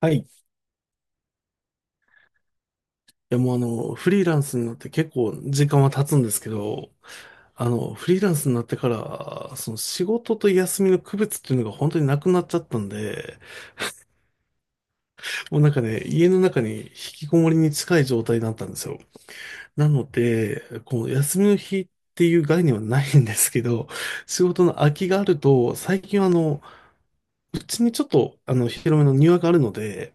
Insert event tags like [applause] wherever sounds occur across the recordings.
はい。いや、もうフリーランスになって結構時間は経つんですけど、フリーランスになってから、その仕事と休みの区別っていうのが本当になくなっちゃったんで、もうなんかね、家の中に引きこもりに近い状態だったんですよ。なので、こう、休みの日っていう概念はないんですけど、仕事の空きがあると、最近はうちにちょっと広めの庭があるので、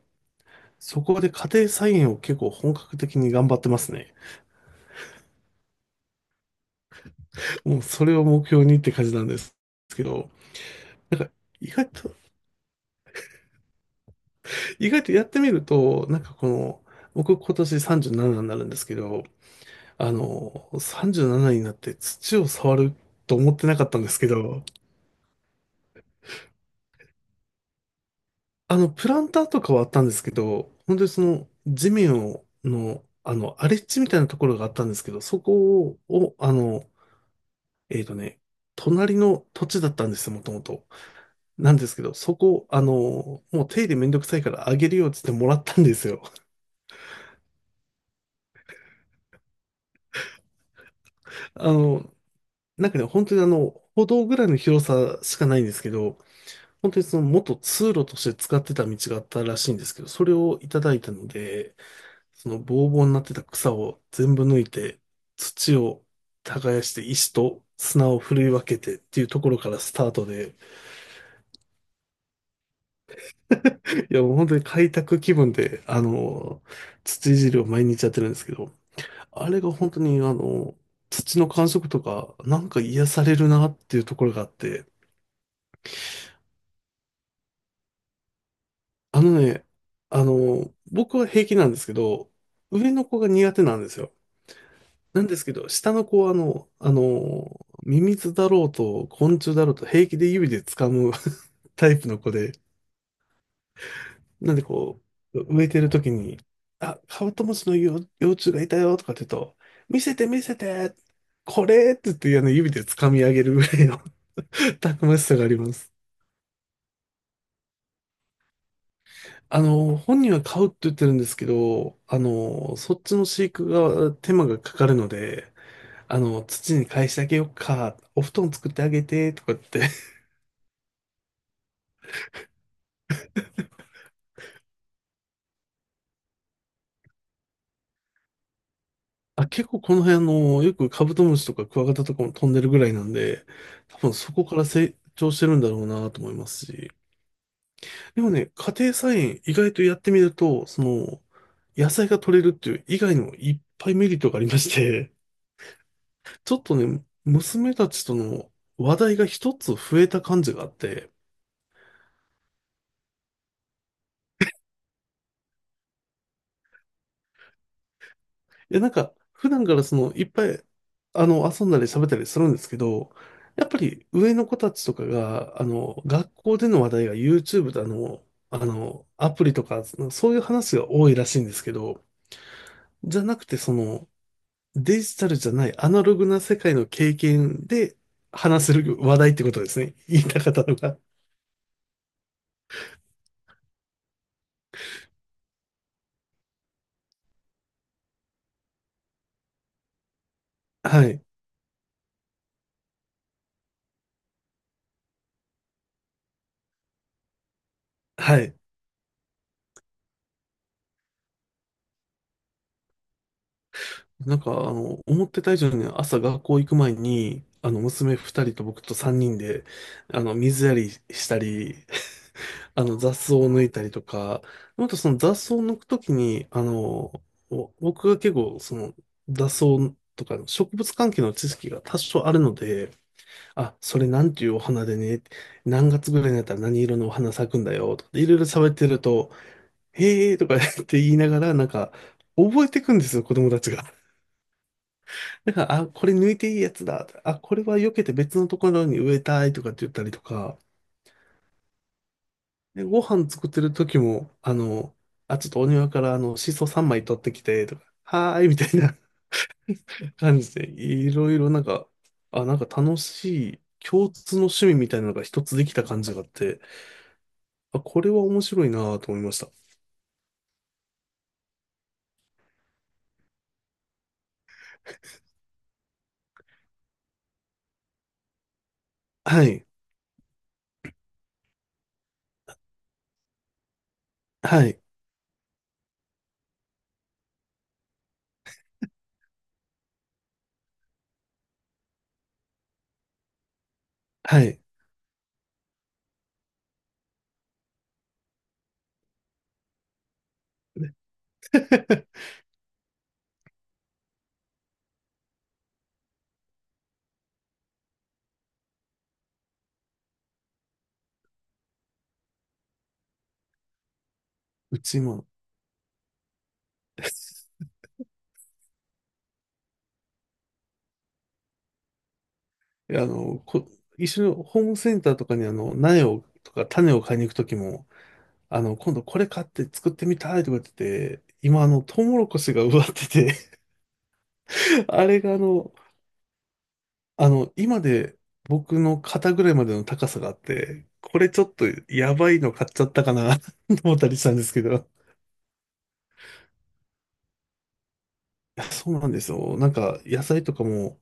そこで家庭菜園を結構本格的に頑張ってますね。もうそれを目標にって感じなんですけど、なんか意外と、意外とやってみると、なんかこの、僕今年37になるんですけど、37になって土を触ると思ってなかったんですけど、プランターとかはあったんですけど、本当にその地面を、の、荒れ地みたいなところがあったんですけど、そこを、えっとね、隣の土地だったんですよ、もともと。なんですけど、そこ、もう手入れめんどくさいからあげるよって言ってもらったんですよ。[laughs] あの、なんかね、本当に歩道ぐらいの広さしかないんですけど、本当にその元通路として使ってた道があったらしいんですけど、それをいただいたので、そのボーボーになってた草を全部抜いて、土を耕して石と砂をふるい分けてっていうところからスタートで、いやもう本当に開拓気分で、土いじりを毎日やってるんですけど、あれが本当に土の感触とか、なんか癒されるなっていうところがあって、あのね、僕は平気なんですけど、上の子が苦手なんですよ。なんですけど、下の子はミミズだろうと昆虫だろうと平気で指で掴む [laughs] タイプの子で、なんで植えてる時に、あ、カブトムシの幼幼虫がいたよとかって言うと、見せて見せて、これって言って、あの指で掴み上げるぐらいの [laughs] たくましさがあります。本人は買うって言ってるんですけど、そっちの飼育が手間がかかるので、土に返してあげようか、お布団作ってあげて、とかって。[laughs] あ、結構この辺、よくカブトムシとかクワガタとかも飛んでるぐらいなんで、多分そこから成長してるんだろうなと思いますし。でもね、家庭菜園意外とやってみると、野菜が取れるっていう以外にもいっぱいメリットがありまして、ちょっとね、娘たちとの話題が一つ増えた感じがあって、いやなんか、普段からいっぱい、遊んだり喋ったりするんですけど、やっぱり上の子たちとかが、学校での話題が YouTube だの、アプリとか、そういう話が多いらしいんですけど、じゃなくて、デジタルじゃないアナログな世界の経験で話せる話題ってことですね。言いたかったのが。はい。はい。なんか、思ってた以上に朝学校行く前に、娘二人と僕と三人で、水やりしたり、[laughs] 雑草を抜いたりとか、あとその雑草を抜くときに、お僕が結構、その、雑草とかの植物関係の知識が多少あるので、あ、それなんていうお花でね、何月ぐらいになったら何色のお花咲くんだよ、とかっていろいろ喋ってると、へーとか言って言いながら、なんか、覚えてくんですよ、子供たちが。だから、あ、これ抜いていいやつだ。あ、これは避けて別のところに植えたいとかって言ったりとか、で、ご飯作ってる時も、あ、ちょっとお庭からシソ3枚取ってきて、とか、はーい、みたいな [laughs] 感じで、いろいろなんか、あ、なんか楽しい共通の趣味みたいなのが一つできた感じがあって、あ、これは面白いなと思いました。はい、はい、はい。[laughs] うちも、[laughs] いや一緒にホームセンターとかに苗を、とか種を買いに行くときも、今度これ買って作ってみたいとか言ってて、今トウモロコシが植わってて [laughs] あれが今で僕の肩ぐらいまでの高さがあって、これちょっとやばいの買っちゃったかな [laughs] と思ったりしたんですけど。いやそうなんですよ。なんか野菜とかも、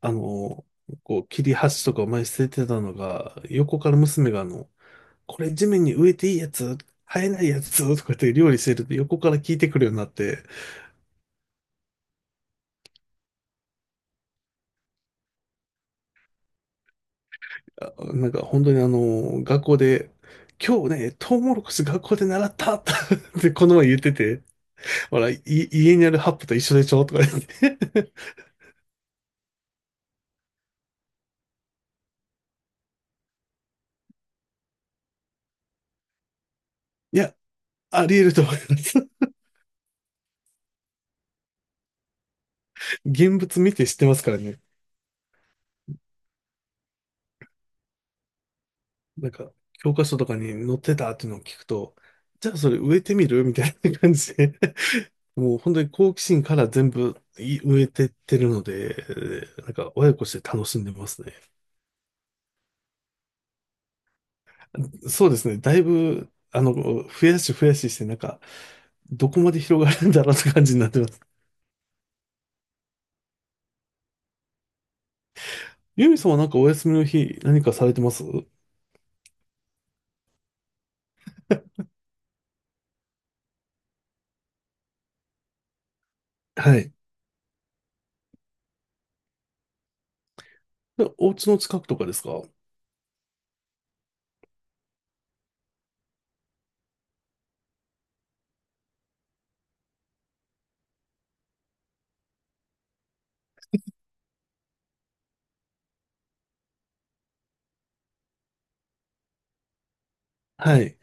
あの、こう切り端とかを前に捨ててたのが、横から娘がこれ地面に植えていいやつ、生えないやつとかって料理してると横から聞いてくるようになって、なんか本当に学校で、今日ね、トウモロコシ学校で習ったって [laughs] この前言ってて、ほら、家にあるハップと一緒でしょとか言って。[laughs] いや、あり得ると思います。[laughs] 現物見て知ってますからね。なんか、教科書とかに載ってたっていうのを聞くと、じゃあそれ植えてみるみたいな感じで、[laughs] もう本当に好奇心から全部植えてってるので、なんか親子して楽しんでますね。そうですね。だいぶ、増やし増やしして、なんか、どこまで広がるんだろうって感じになってます。[laughs] ユミさんはなんかお休みの日何かされてます？はい。でお家の近くとかですか？はい。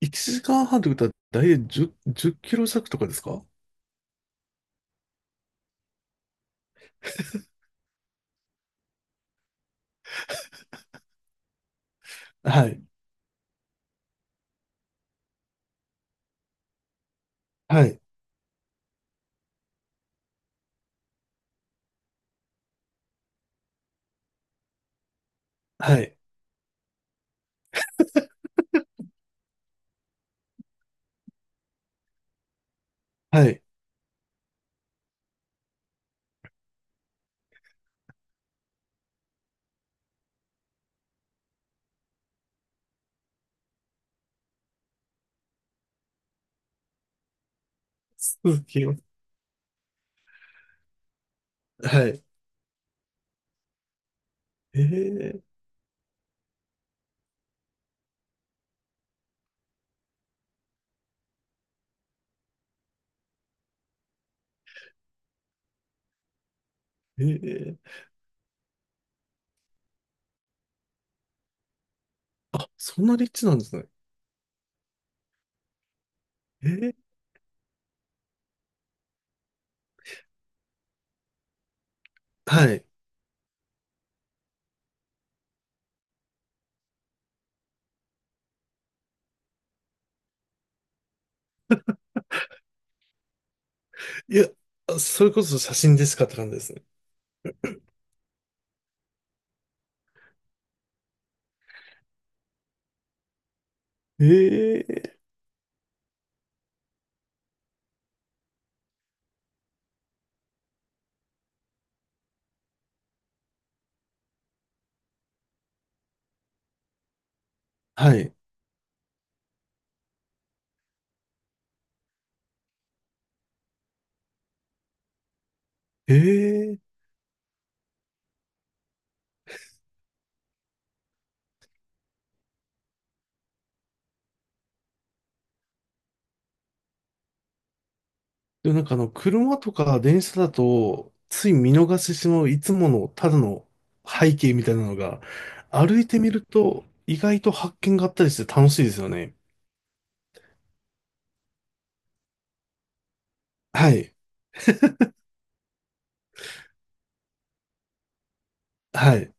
1時間半ということは大体10キロ弱とかですか？はい。はい。はい。はい。続きます。はい。ええええ。あ、そんな立地なんですね。ええ。はい。いや、あそれこそ写真でしかって感じですね。ええ。はい。ええ。でもなんか車とか電車だと、つい見逃してしまういつものただの背景みたいなのが、歩いてみると意外と発見があったりして楽しいですよね。はい。はい。